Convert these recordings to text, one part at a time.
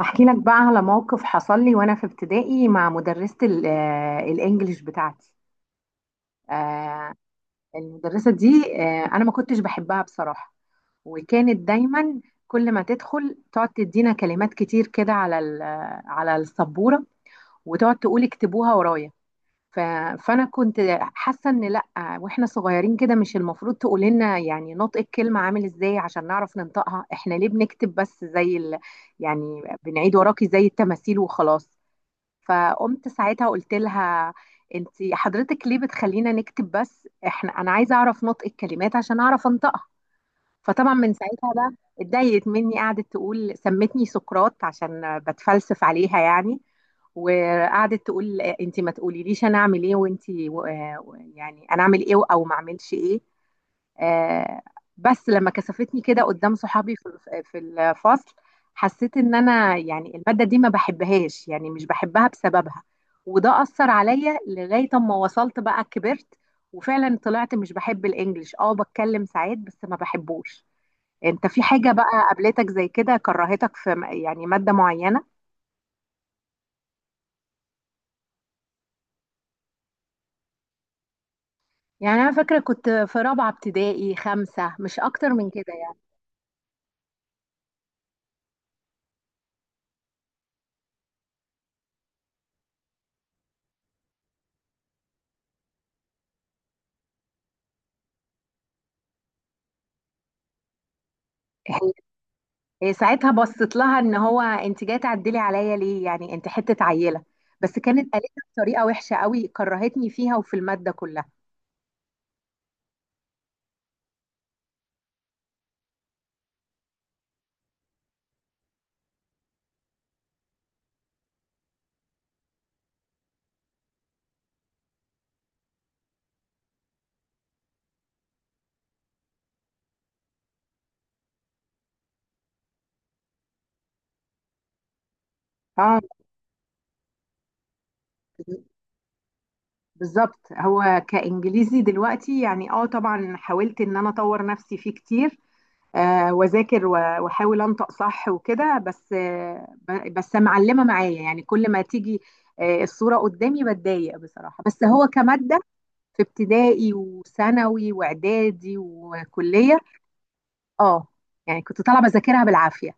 احكي لك بقى على موقف حصل لي وانا في ابتدائي مع مدرسة الانجليش بتاعتي. آه، المدرسة دي، انا ما كنتش بحبها بصراحة، وكانت دايما كل ما تدخل تقعد تدينا كلمات كتير كده على على السبورة، وتقعد تقول اكتبوها ورايا. ف- فانا كنت حاسة ان لا، واحنا صغيرين كده مش المفروض تقول لنا يعني نطق الكلمة عامل ازاي عشان نعرف ننطقها، احنا ليه بنكتب بس زي ال... يعني بنعيد وراكي زي التماثيل وخلاص. فقمت ساعتها قلت لها: انت حضرتك ليه بتخلينا نكتب بس، احنا انا عايزه اعرف نطق الكلمات عشان اعرف انطقها. فطبعا من ساعتها بقى اتضايقت مني، قعدت تقول سمتني سقراط عشان بتفلسف عليها يعني. وقعدت تقول انت ما تقوليليش انا اعمل ايه، يعني انا اعمل ايه او ما اعملش ايه. آه، بس لما كثفتني كده قدام صحابي في في الفصل، حسيت ان انا يعني المادة دي ما بحبهاش، يعني مش بحبها بسببها. وده أثر عليا لغاية اما وصلت بقى كبرت، وفعلا طلعت مش بحب الانجليش، اه بتكلم ساعات بس ما بحبوش. انت في حاجة بقى قابلتك زي كده كرهتك في يعني مادة معينة؟ يعني انا فاكرة كنت في رابعة ابتدائي خمسة، مش اكتر من كده يعني. إيه، ساعتها بصيت لها ان هو انت جايه تعدلي عليا ليه يعني، انت حته عيله. بس كانت قالتها بطريقه وحشه قوي، كرهتني فيها وفي الماده كلها. اه. بالظبط، هو كانجليزي دلوقتي يعني اه طبعا حاولت ان انا اطور نفسي فيه كتير، واذاكر واحاول انطق صح وكده، بس بس معلمه معايا يعني، كل ما تيجي الصوره قدامي بتضايق بصراحه. بس هو كماده في ابتدائي وثانوي واعدادي وكليه. اه، يعني كنت طالعه بذاكرها بالعافيه.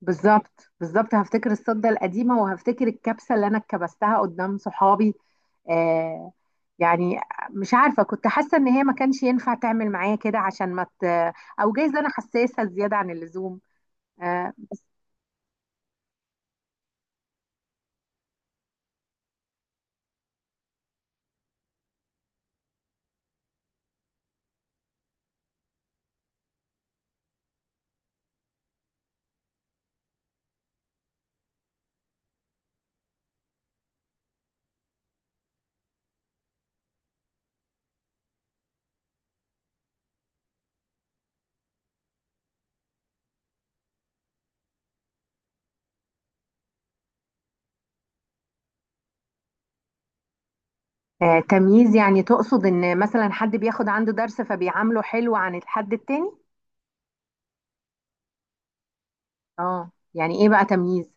بالظبط بالظبط، هفتكر الصدة القديمة وهفتكر الكبسة اللي أنا اتكبستها قدام صحابي. آه يعني مش عارفة، كنت حاسة إن هي ما كانش ينفع تعمل معايا كده عشان ما ت... أو جايز أنا حساسة زيادة عن اللزوم. آه بس آه، تمييز يعني تقصد إن مثلا حد بياخد عنده درس فبيعامله حلو عن الحد التاني؟ اه، يعني إيه بقى تمييز؟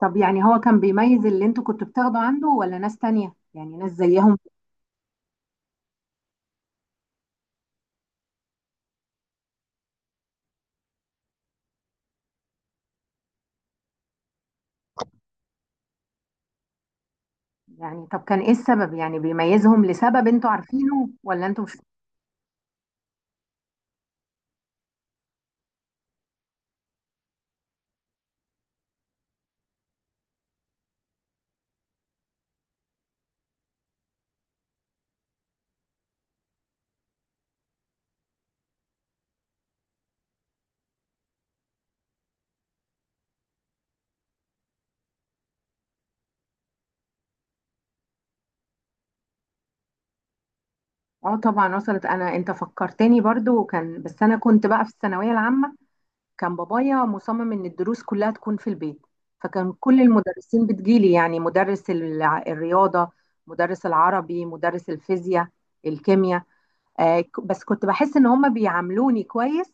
طب يعني هو كان بيميز اللي انتوا كنتوا بتاخدوا عنده، ولا ناس تانية يعني ناس زيهم؟ يعني طب كان ايه السبب، يعني بيميزهم لسبب انتوا عارفينه ولا انتوا مش. اه طبعا، وصلت. انا انت فكرتني برضو، وكان بس انا كنت بقى في الثانويه العامه، كان بابايا مصمم ان الدروس كلها تكون في البيت، فكان كل المدرسين بتجيلي، يعني مدرس الرياضه، مدرس العربي، مدرس الفيزياء، الكيمياء. بس كنت بحس ان هم بيعاملوني كويس،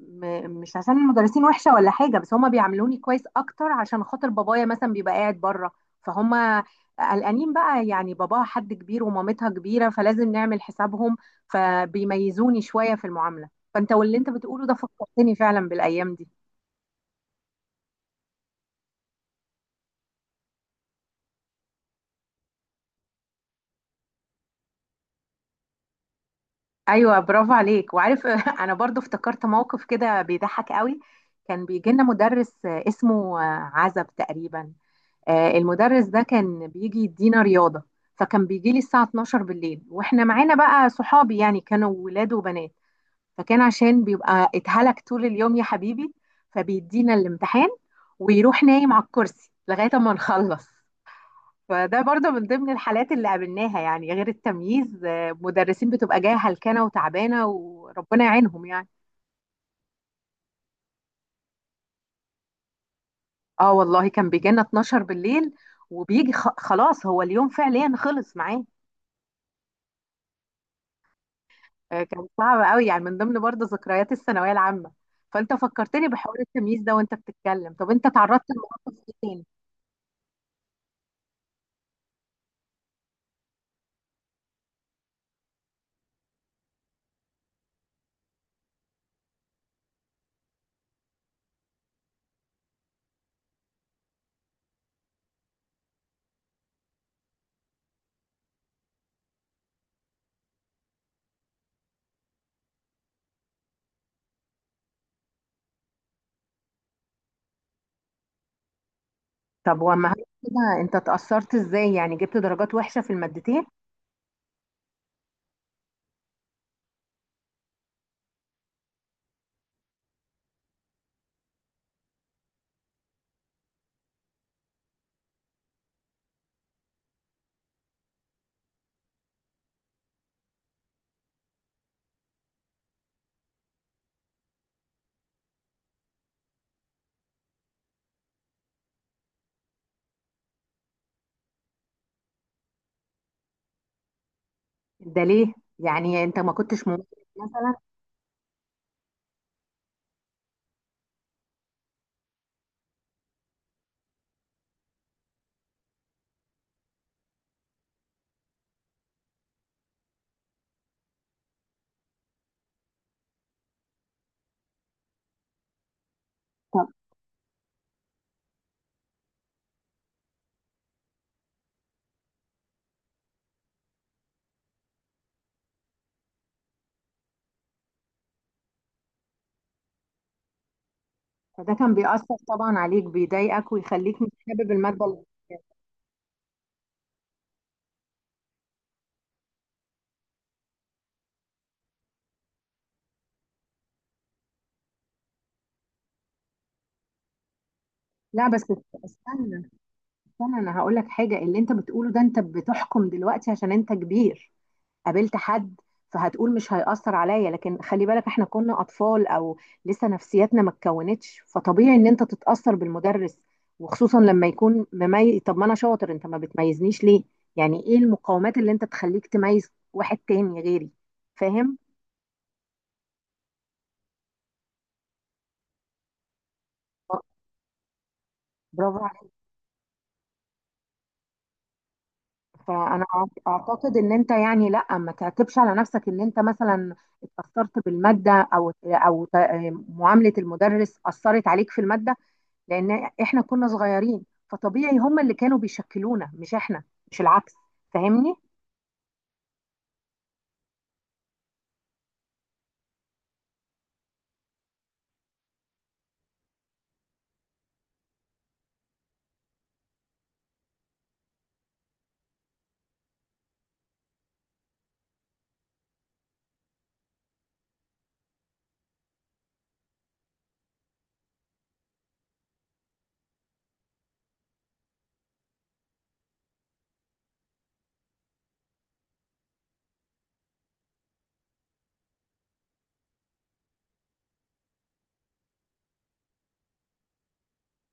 مش عشان المدرسين وحشة ولا حاجة، بس هما بيعاملوني كويس أكتر عشان خاطر بابايا مثلا بيبقى قاعد بره، فهم قلقانين بقى، يعني باباها حد كبير ومامتها كبيرة فلازم نعمل حسابهم، فبيميزوني شوية في المعاملة. فأنت واللي أنت بتقوله ده فكرتني فعلا بالأيام دي. أيوة، برافو عليك وعارف. أنا برضو افتكرت موقف كده بيضحك قوي. كان بيجي لنا مدرس اسمه عزب تقريبا. المدرس ده كان بيجي يدينا رياضة، فكان بيجي لي الساعة 12 بالليل، واحنا معانا بقى صحابي يعني كانوا ولاد وبنات. فكان عشان بيبقى اتهلك طول اليوم يا حبيبي، فبيدينا الامتحان ويروح نايم على الكرسي لغاية ما نخلص. فده برضه من ضمن الحالات اللي قابلناها، يعني غير التمييز، مدرسين بتبقى جاية هلكانة وتعبانة وربنا يعينهم يعني. اه والله، كان بيجي لنا 12 بالليل، وبيجي خلاص هو اليوم فعليا خلص معاه. كان صعب قوي يعني، من ضمن برضه ذكريات الثانويه العامه. فانت فكرتني بحوار التمييز ده وانت بتتكلم، طب انت تعرضت لمواقف ايه تاني؟ طب وما هي كده انت اتأثرت ازاي، يعني جبت درجات وحشه في المادتين؟ ده ليه؟ يعني انت ما كنتش مميز مثلا؟ طب فده كان بيأثر طبعا عليك، بيضايقك ويخليك مش حابب الماده اللي... لا بس استنى، استنى انا هقول لك حاجه. اللي انت بتقوله ده انت بتحكم دلوقتي عشان انت كبير، قابلت حد فهتقول مش هيأثر عليا. لكن خلي بالك احنا كنا أطفال، أو لسه نفسياتنا ما اتكونتش، فطبيعي إن أنت تتأثر بالمدرس، وخصوصا لما يكون مميز. طب ما أنا شاطر أنت ما بتميزنيش ليه؟ يعني إيه المقاومات اللي أنت تخليك تميز واحد تاني غيري؟ فاهم؟ برافو عليك. فانا اعتقد ان انت يعني لا ما تعتبش على نفسك ان انت مثلا اتاثرت بالماده، او معامله المدرس اثرت عليك في الماده، لان احنا كنا صغيرين، فطبيعي هم اللي كانوا بيشكلونا مش احنا، مش العكس. فاهمني؟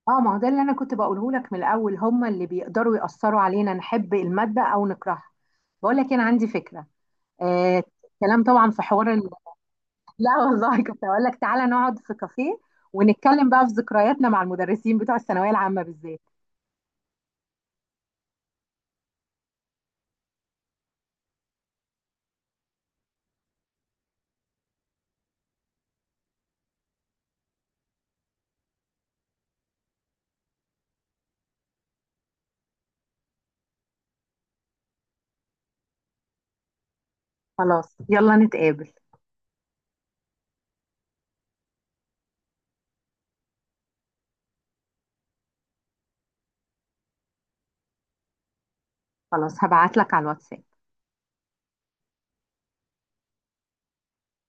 اه، ما هو ده اللي انا كنت بقوله لك من الاول، هم اللي بيقدروا يأثروا علينا نحب المادة او نكرهها. بقول لك انا عندي فكرة. آه، كلام طبعا في حوار ال... لا والله، كنت اقول لك تعالى نقعد في كافيه ونتكلم بقى في ذكرياتنا مع المدرسين بتوع الثانوية العامة بالذات. خلاص يلا نتقابل. خلاص هبعت لك على الواتساب.